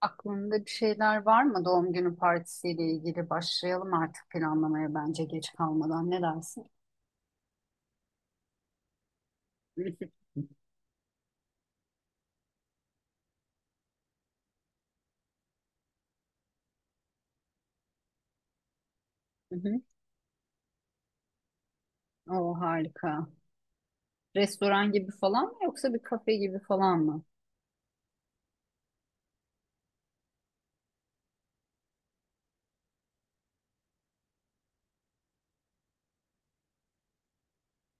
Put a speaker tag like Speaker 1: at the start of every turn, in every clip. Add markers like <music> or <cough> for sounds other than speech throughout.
Speaker 1: Aklında bir şeyler var mı doğum günü partisiyle ilgili? Başlayalım artık planlamaya bence geç kalmadan. Ne dersin? <laughs> Hı hı. O harika. Restoran gibi falan mı yoksa bir kafe gibi falan mı?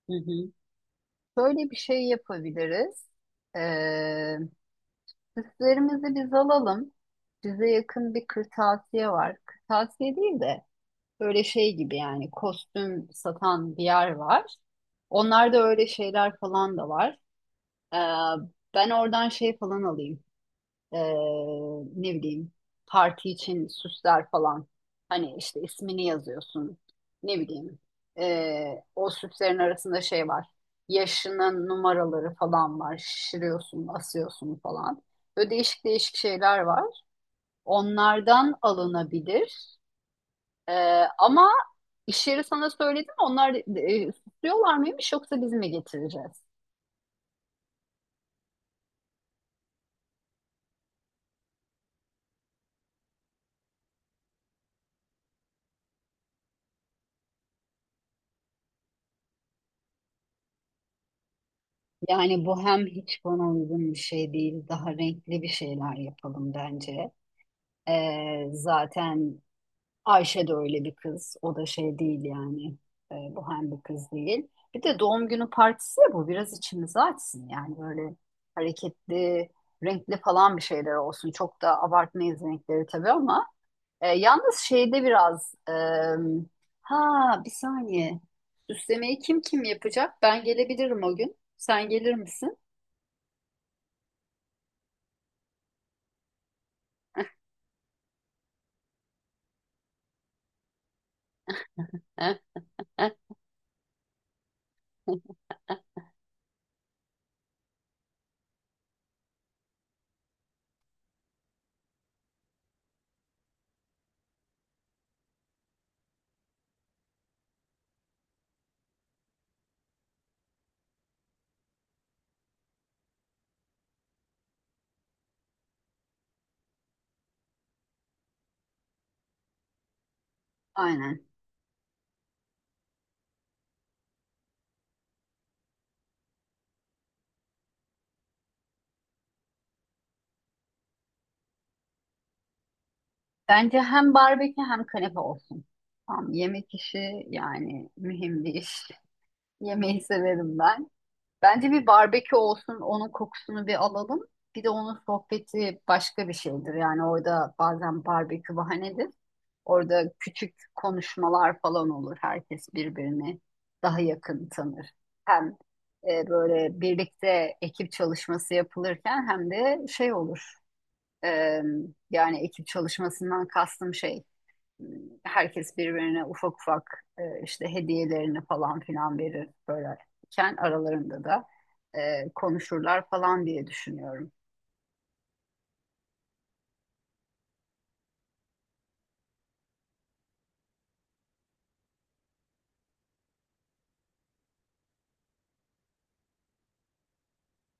Speaker 1: Hı hı. Böyle bir şey yapabiliriz. Ee, süslerimizi biz alalım. Bize yakın bir kırtasiye var. Kırtasiye değil de böyle şey gibi yani kostüm satan bir yer var. Onlarda öyle şeyler falan da var. Ee, ben oradan şey falan alayım. Ee, ne bileyim parti için süsler falan. Hani işte ismini yazıyorsun. Ne bileyim. O süslerin arasında şey var. Yaşının numaraları falan var. Şişiriyorsun, asıyorsun falan. Böyle değişik değişik şeyler var. Onlardan alınabilir. Ama iş yeri sana söyledi mi? Onlar süslüyorlar mıymış yoksa biz mi getireceğiz? Yani bu hem hiç bana uygun bir şey değil, daha renkli bir şeyler yapalım bence. Zaten Ayşe de öyle bir kız, o da şey değil yani. Bu hem bir kız değil. Bir de doğum günü partisi ya bu, biraz içimizi açsın yani böyle hareketli, renkli falan bir şeyler olsun. Çok da abartmayız renkleri tabii ama yalnız şeyde biraz, ha, bir saniye, süslemeyi kim kim yapacak? Ben gelebilirim o gün, sen gelir misin? <laughs> Aynen. Bence hem barbekü hem kanepe olsun. Tam yemek işi yani mühim bir iş. <laughs> Yemeği severim ben. Bence bir barbekü olsun, onun kokusunu bir alalım. Bir de onun sohbeti başka bir şeydir. Yani orada bazen barbekü bahanedir. Orada küçük konuşmalar falan olur. Herkes birbirini daha yakın tanır. Hem böyle birlikte ekip çalışması yapılırken hem de şey olur. Ee, yani ekip çalışmasından kastım şey, herkes birbirine ufak ufak işte hediyelerini falan filan verir böyleyken aralarında da konuşurlar falan diye düşünüyorum.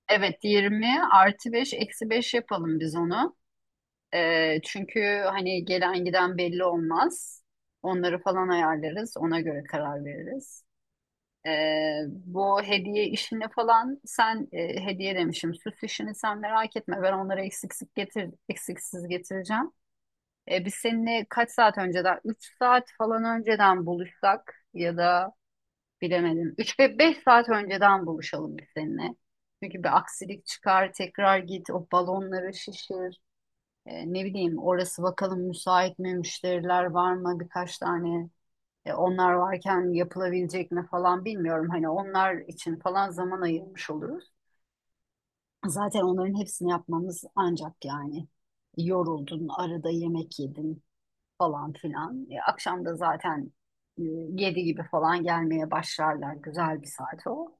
Speaker 1: Evet, 20 artı 5 eksi 5 yapalım biz onu. Çünkü hani gelen giden belli olmaz. Onları falan ayarlarız, ona göre karar veririz. Bu hediye işini falan sen hediye demişim, süs işini sen merak etme, ben onları eksiksiz getireceğim. Biz seninle kaç saat önceden, 3 saat falan önceden buluşsak ya da bilemedim 3 ve 5 saat önceden buluşalım biz seninle. Çünkü bir aksilik çıkar, tekrar git o balonları şişir. Ne bileyim, orası bakalım müsait mi, müşteriler var mı, birkaç tane onlar varken yapılabilecek mi falan, bilmiyorum. Hani onlar için falan zaman ayırmış oluruz. Zaten onların hepsini yapmamız ancak yani, yoruldun, arada yemek yedin falan filan. Akşam da zaten e, 7 gibi falan gelmeye başlarlar. Güzel bir saat o.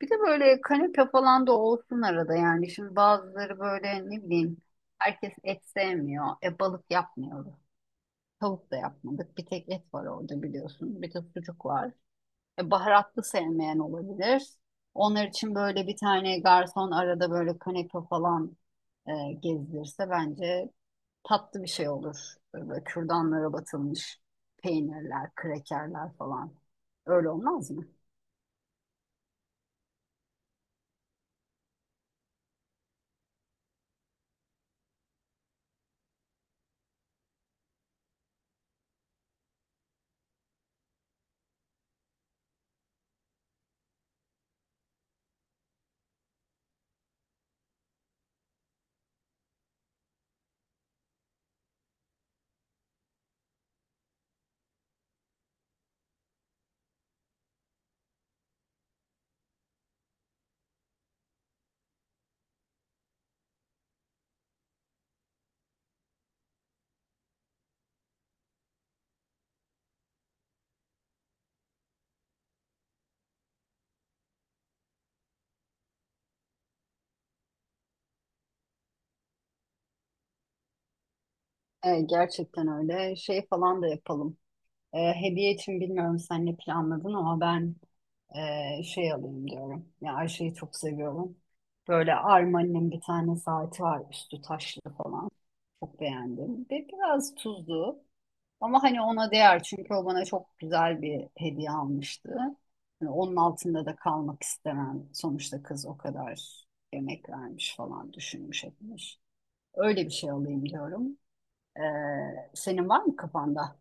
Speaker 1: Bir de böyle kanepe falan da olsun arada yani. Şimdi bazıları böyle, ne bileyim, herkes et sevmiyor. Balık yapmıyoruz. Tavuk da yapmadık. Bir tek et var orada, biliyorsun. Bir de sucuk var. Baharatlı sevmeyen olabilir. Onlar için böyle bir tane garson arada böyle kanepe falan gezdirirse bence tatlı bir şey olur. Böyle kürdanlara batılmış peynirler, krekerler falan. Öyle olmaz mı? Gerçekten öyle. Şey falan da yapalım. Hediye için bilmiyorum sen ne planladın ama ben şey alayım diyorum. Ya, Ayşe'yi çok seviyorum. Böyle Armani'nin bir tane saati var, üstü taşlı falan. Çok beğendim. Ve biraz tuzlu. Ama hani ona değer, çünkü o bana çok güzel bir hediye almıştı. Hani onun altında da kalmak istemem. Sonuçta kız o kadar emek vermiş, falan düşünmüş etmiş. Öyle bir şey alayım diyorum. E, senin var mı kafanda?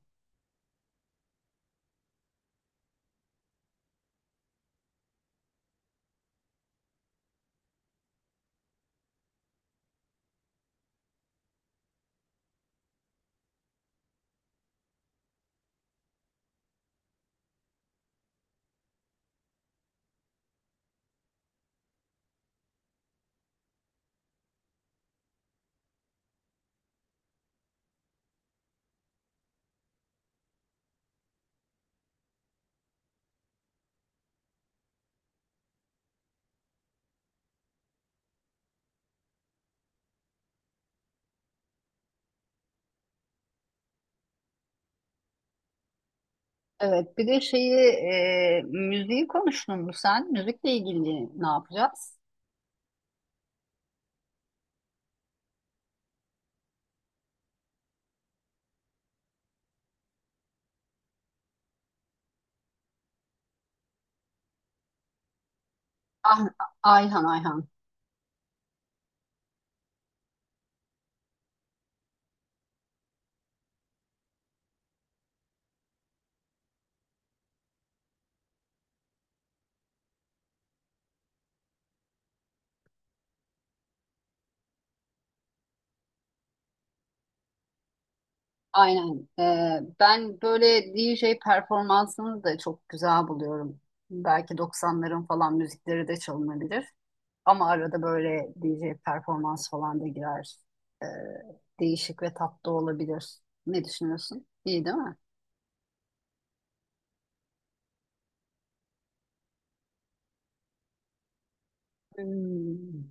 Speaker 1: Evet, bir de şeyi, müziği konuştun mu sen? Müzikle ilgili ne yapacağız? Ah, Ayhan, Ayhan. Aynen. Ben böyle DJ performansını da çok güzel buluyorum. Belki 90'ların falan müzikleri de çalınabilir. Ama arada böyle DJ performans falan da girer. E, değişik ve tatlı olabilir. Ne düşünüyorsun? İyi değil mi? Hmm.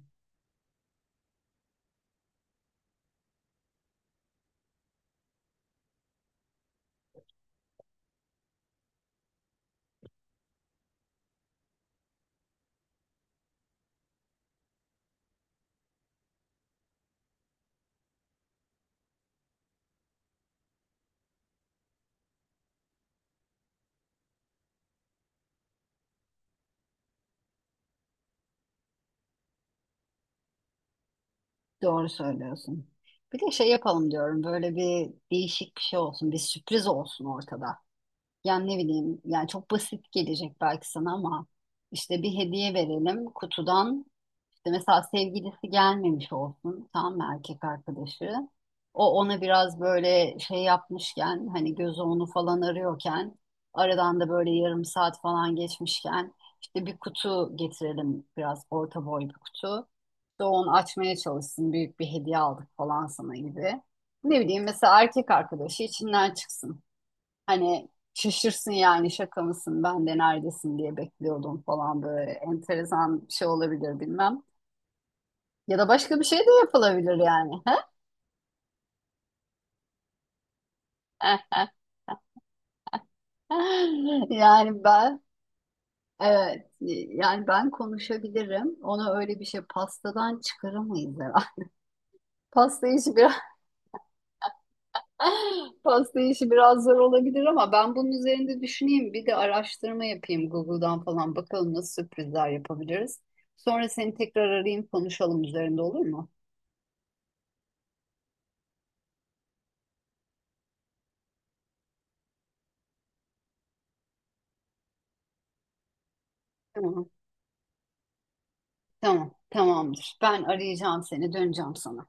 Speaker 1: Doğru söylüyorsun. Bir de şey yapalım diyorum. Böyle bir değişik bir şey olsun. Bir sürpriz olsun ortada. Yani ne bileyim. Yani çok basit gelecek belki sana ama işte bir hediye verelim kutudan. İşte mesela sevgilisi gelmemiş olsun, tam mı erkek arkadaşı. O ona biraz böyle şey yapmışken, hani gözü onu falan arıyorken, aradan da böyle yarım saat falan geçmişken, işte bir kutu getirelim, biraz orta boy bir kutu. İşte onu açmaya çalışsın, büyük bir hediye aldık falan sana gibi. Ne bileyim, mesela erkek arkadaşı içinden çıksın. Hani şaşırsın yani, şaka mısın, ben de neredesin diye bekliyordum falan, böyle enteresan bir şey olabilir, bilmem. Ya da başka bir şey de yapılabilir yani. <laughs> Yani ben evet yani ben konuşabilirim. Ona öyle bir şey, pastadan çıkaramayız herhalde. <laughs> Pasta işi biraz <laughs> Pasta işi biraz zor olabilir ama ben bunun üzerinde düşüneyim. Bir de araştırma yapayım Google'dan falan, bakalım nasıl sürprizler yapabiliriz. Sonra seni tekrar arayayım, konuşalım üzerinde, olur mu? Tamam. Tamam. Tamamdır. Ben arayacağım seni, döneceğim sana.